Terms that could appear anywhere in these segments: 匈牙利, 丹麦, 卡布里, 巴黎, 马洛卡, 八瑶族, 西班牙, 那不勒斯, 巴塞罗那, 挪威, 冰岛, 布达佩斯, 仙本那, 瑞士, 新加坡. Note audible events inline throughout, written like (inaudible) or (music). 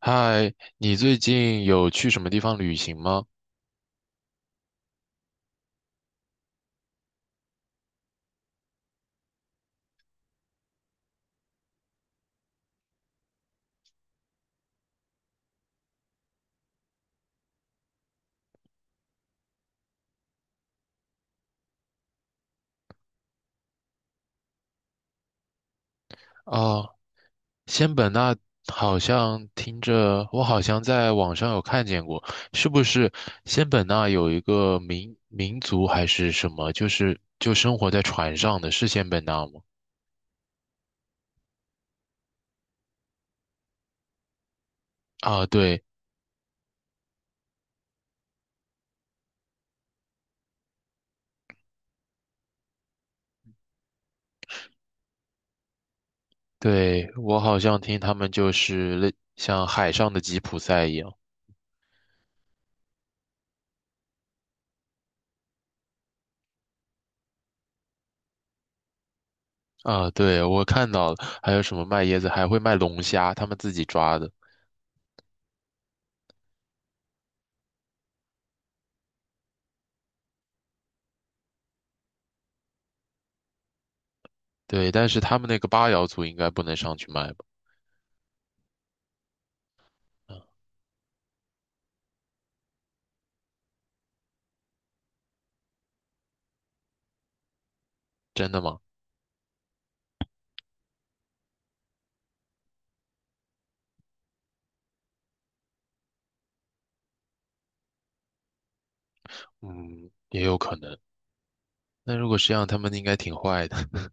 嗨，你最近有去什么地方旅行吗？哦，仙本那好像听着，我好像在网上有看见过，是不是仙本那有一个民族还是什么，就是就生活在船上的，是仙本那吗？啊，对对，我好像听他们就是类像海上的吉普赛一样。啊，对，我看到了，还有什么卖椰子，还会卖龙虾，他们自己抓的。对，但是他们那个八瑶族应该不能上去卖吧？真的吗？嗯，也有可能。那如果是这样，他们应该挺坏的。(laughs)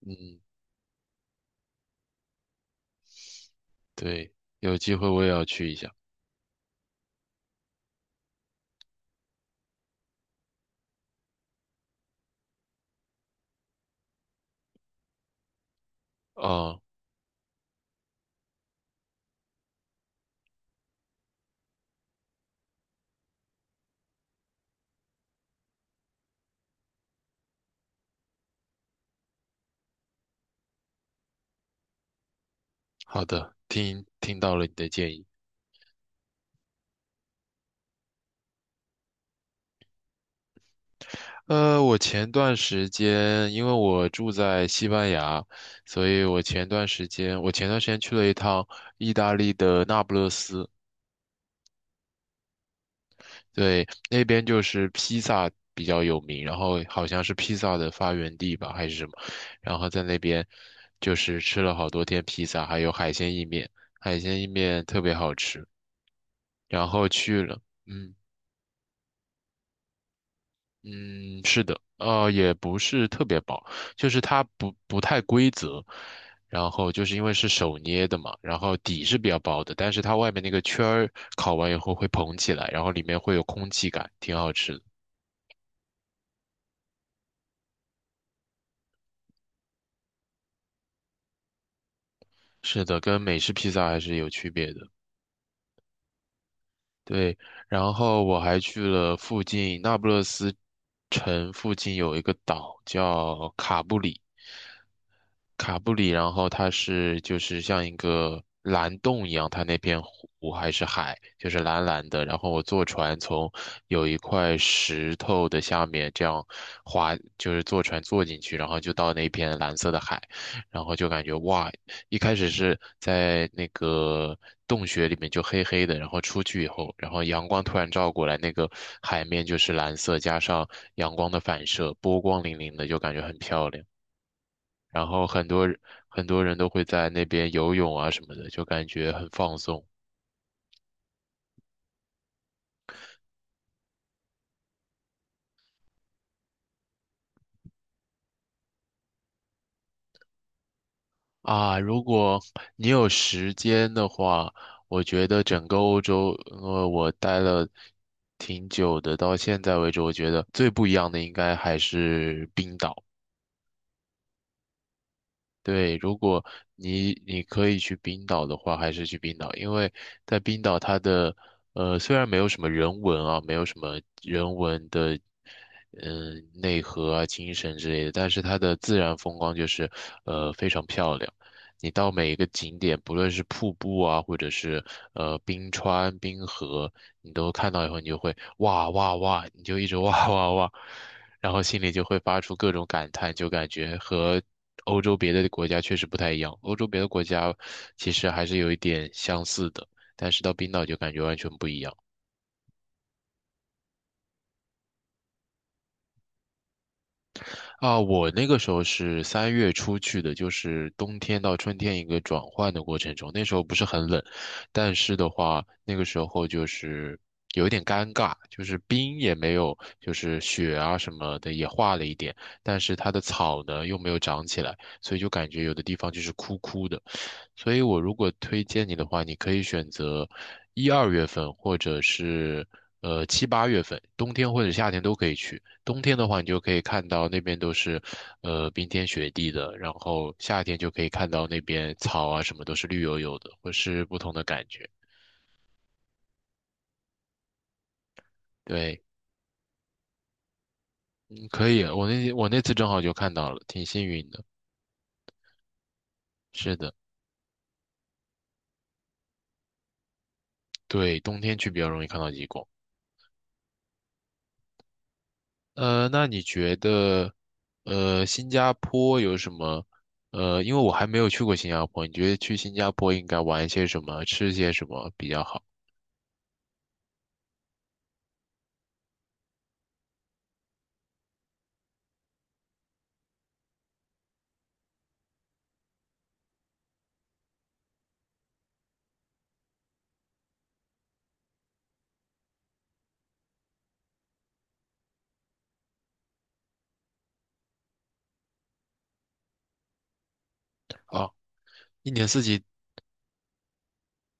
嗯，对，有机会我也要去一下。哦，好的，听到了你的建议。我前段时间因为我住在西班牙，所以我前段时间去了一趟意大利的那不勒斯。对，那边就是披萨比较有名，然后好像是披萨的发源地吧，还是什么，然后在那边就是吃了好多天披萨，还有海鲜意面，海鲜意面特别好吃，然后去了，嗯嗯，是的，也不是特别薄，就是它不太规则，然后就是因为是手捏的嘛，然后底是比较薄的，但是它外面那个圈儿烤完以后会膨起来，然后里面会有空气感，挺好吃的。是的，跟美式披萨还是有区别的。对，然后我还去了附近那不勒斯城附近有一个岛叫卡布里，卡布里，然后它是就是像一个蓝洞一样，它那片湖还是海，就是蓝蓝的。然后我坐船从有一块石头的下面这样滑，就是坐船坐进去，然后就到那片蓝色的海，然后就感觉哇，一开始是在那个洞穴里面就黑黑的，然后出去以后，然后阳光突然照过来，那个海面就是蓝色，加上阳光的反射，波光粼粼的，就感觉很漂亮。然后很多人都会在那边游泳啊什么的，就感觉很放松啊。如果你有时间的话，我觉得整个欧洲，我待了挺久的，到现在为止，我觉得最不一样的应该还是冰岛。对，如果你可以去冰岛的话，还是去冰岛，因为在冰岛它的虽然没有什么人文啊，没有什么人文的内核啊、精神之类的，但是它的自然风光就是非常漂亮。你到每一个景点，不论是瀑布啊，或者是冰川、冰河，你都看到以后，你就会哇哇哇，你就一直 (laughs) 哇哇哇。然后心里就会发出各种感叹，就感觉和欧洲别的国家确实不太一样。欧洲别的国家其实还是有一点相似的，但是到冰岛就感觉完全不一样。啊，我那个时候是3月初去的，就是冬天到春天一个转换的过程中，那时候不是很冷，但是的话，那个时候就是有一点尴尬，就是冰也没有，就是雪啊什么的也化了一点，但是它的草呢又没有长起来，所以就感觉有的地方就是枯枯的，所以我如果推荐你的话，你可以选择1、2月份或者是7、8月份，冬天或者夏天都可以去。冬天的话，你就可以看到那边都是，冰天雪地的，然后夏天就可以看到那边草啊什么都是绿油油的，会是不同的感觉。对，嗯可以，我那次正好就看到了，挺幸运的。是的，对，冬天去比较容易看到极光。那你觉得，新加坡有什么？因为我还没有去过新加坡，你觉得去新加坡应该玩些什么，吃些什么比较好？啊，一年四季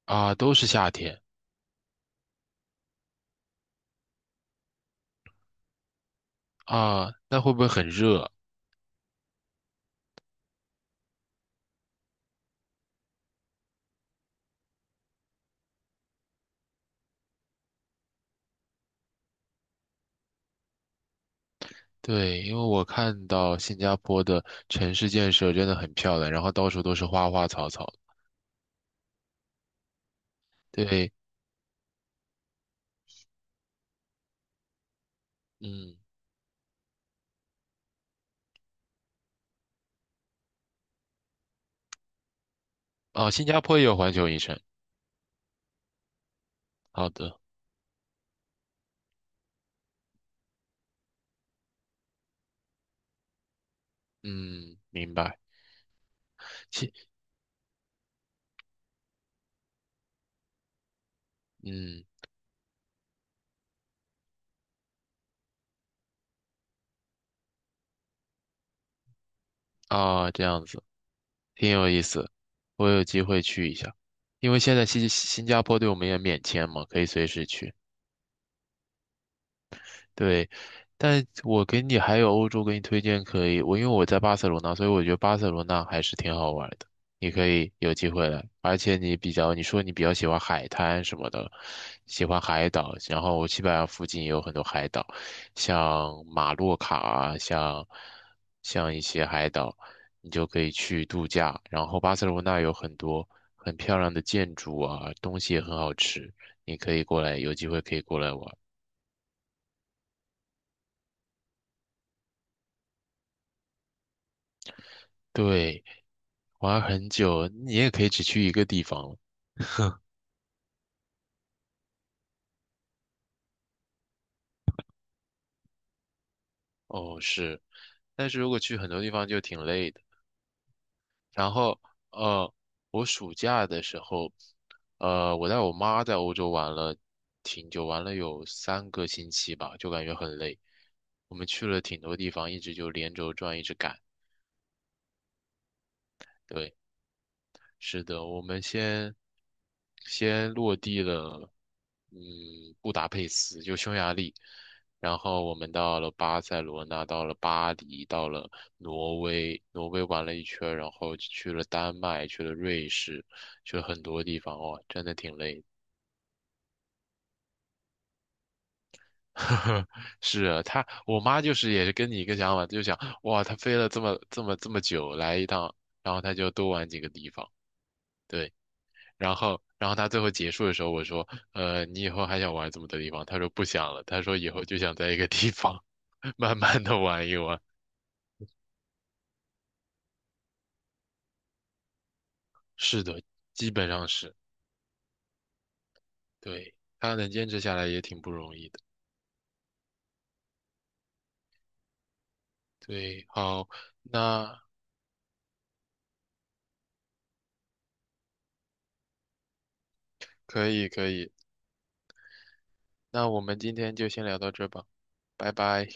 啊，都是夏天。啊，那会不会很热？对，因为我看到新加坡的城市建设真的很漂亮，然后到处都是花花草草。对，嗯，哦，新加坡也有环球影城。好的，嗯，明白。新，嗯，啊，这样子挺有意思，我有机会去一下，因为现在新加坡对我们也免签嘛，可以随时去。对，但我给你还有欧洲给你推荐可以，我因为我在巴塞罗那，所以我觉得巴塞罗那还是挺好玩的。你可以有机会来，而且你比较，你说你比较喜欢海滩什么的，喜欢海岛，然后西班牙附近也有很多海岛，像马洛卡啊，像一些海岛，你就可以去度假。然后巴塞罗那有很多很漂亮的建筑啊，东西也很好吃，你可以过来，有机会可以过来玩。对，玩很久，你也可以只去一个地方了。哦，是，但是如果去很多地方就挺累的。然后，呃，我暑假的时候，我带我妈在欧洲玩了挺久，玩了有3个星期吧，就感觉很累。我们去了挺多地方，一直就连轴转，一直赶。对。是的，我们先落地了，嗯，布达佩斯就匈牙利，然后我们到了巴塞罗那，到了巴黎，到了挪威，挪威玩了一圈儿然后去了丹麦，去了瑞士，去了很多地方，哇，真的挺累的。(laughs) 是啊，她我妈就是也是跟你一个想法，就想哇，她飞了这么这么这么久来一趟，然后她就多玩几个地方，对。然后他最后结束的时候，我说，你以后还想玩这么多地方？他说不想了，他说以后就想在一个地方 (laughs) 慢慢的玩一玩。是的，基本上是，对，他能坚持下来也挺不容易的。对，好，那可以可以，那我们今天就先聊到这吧，拜拜。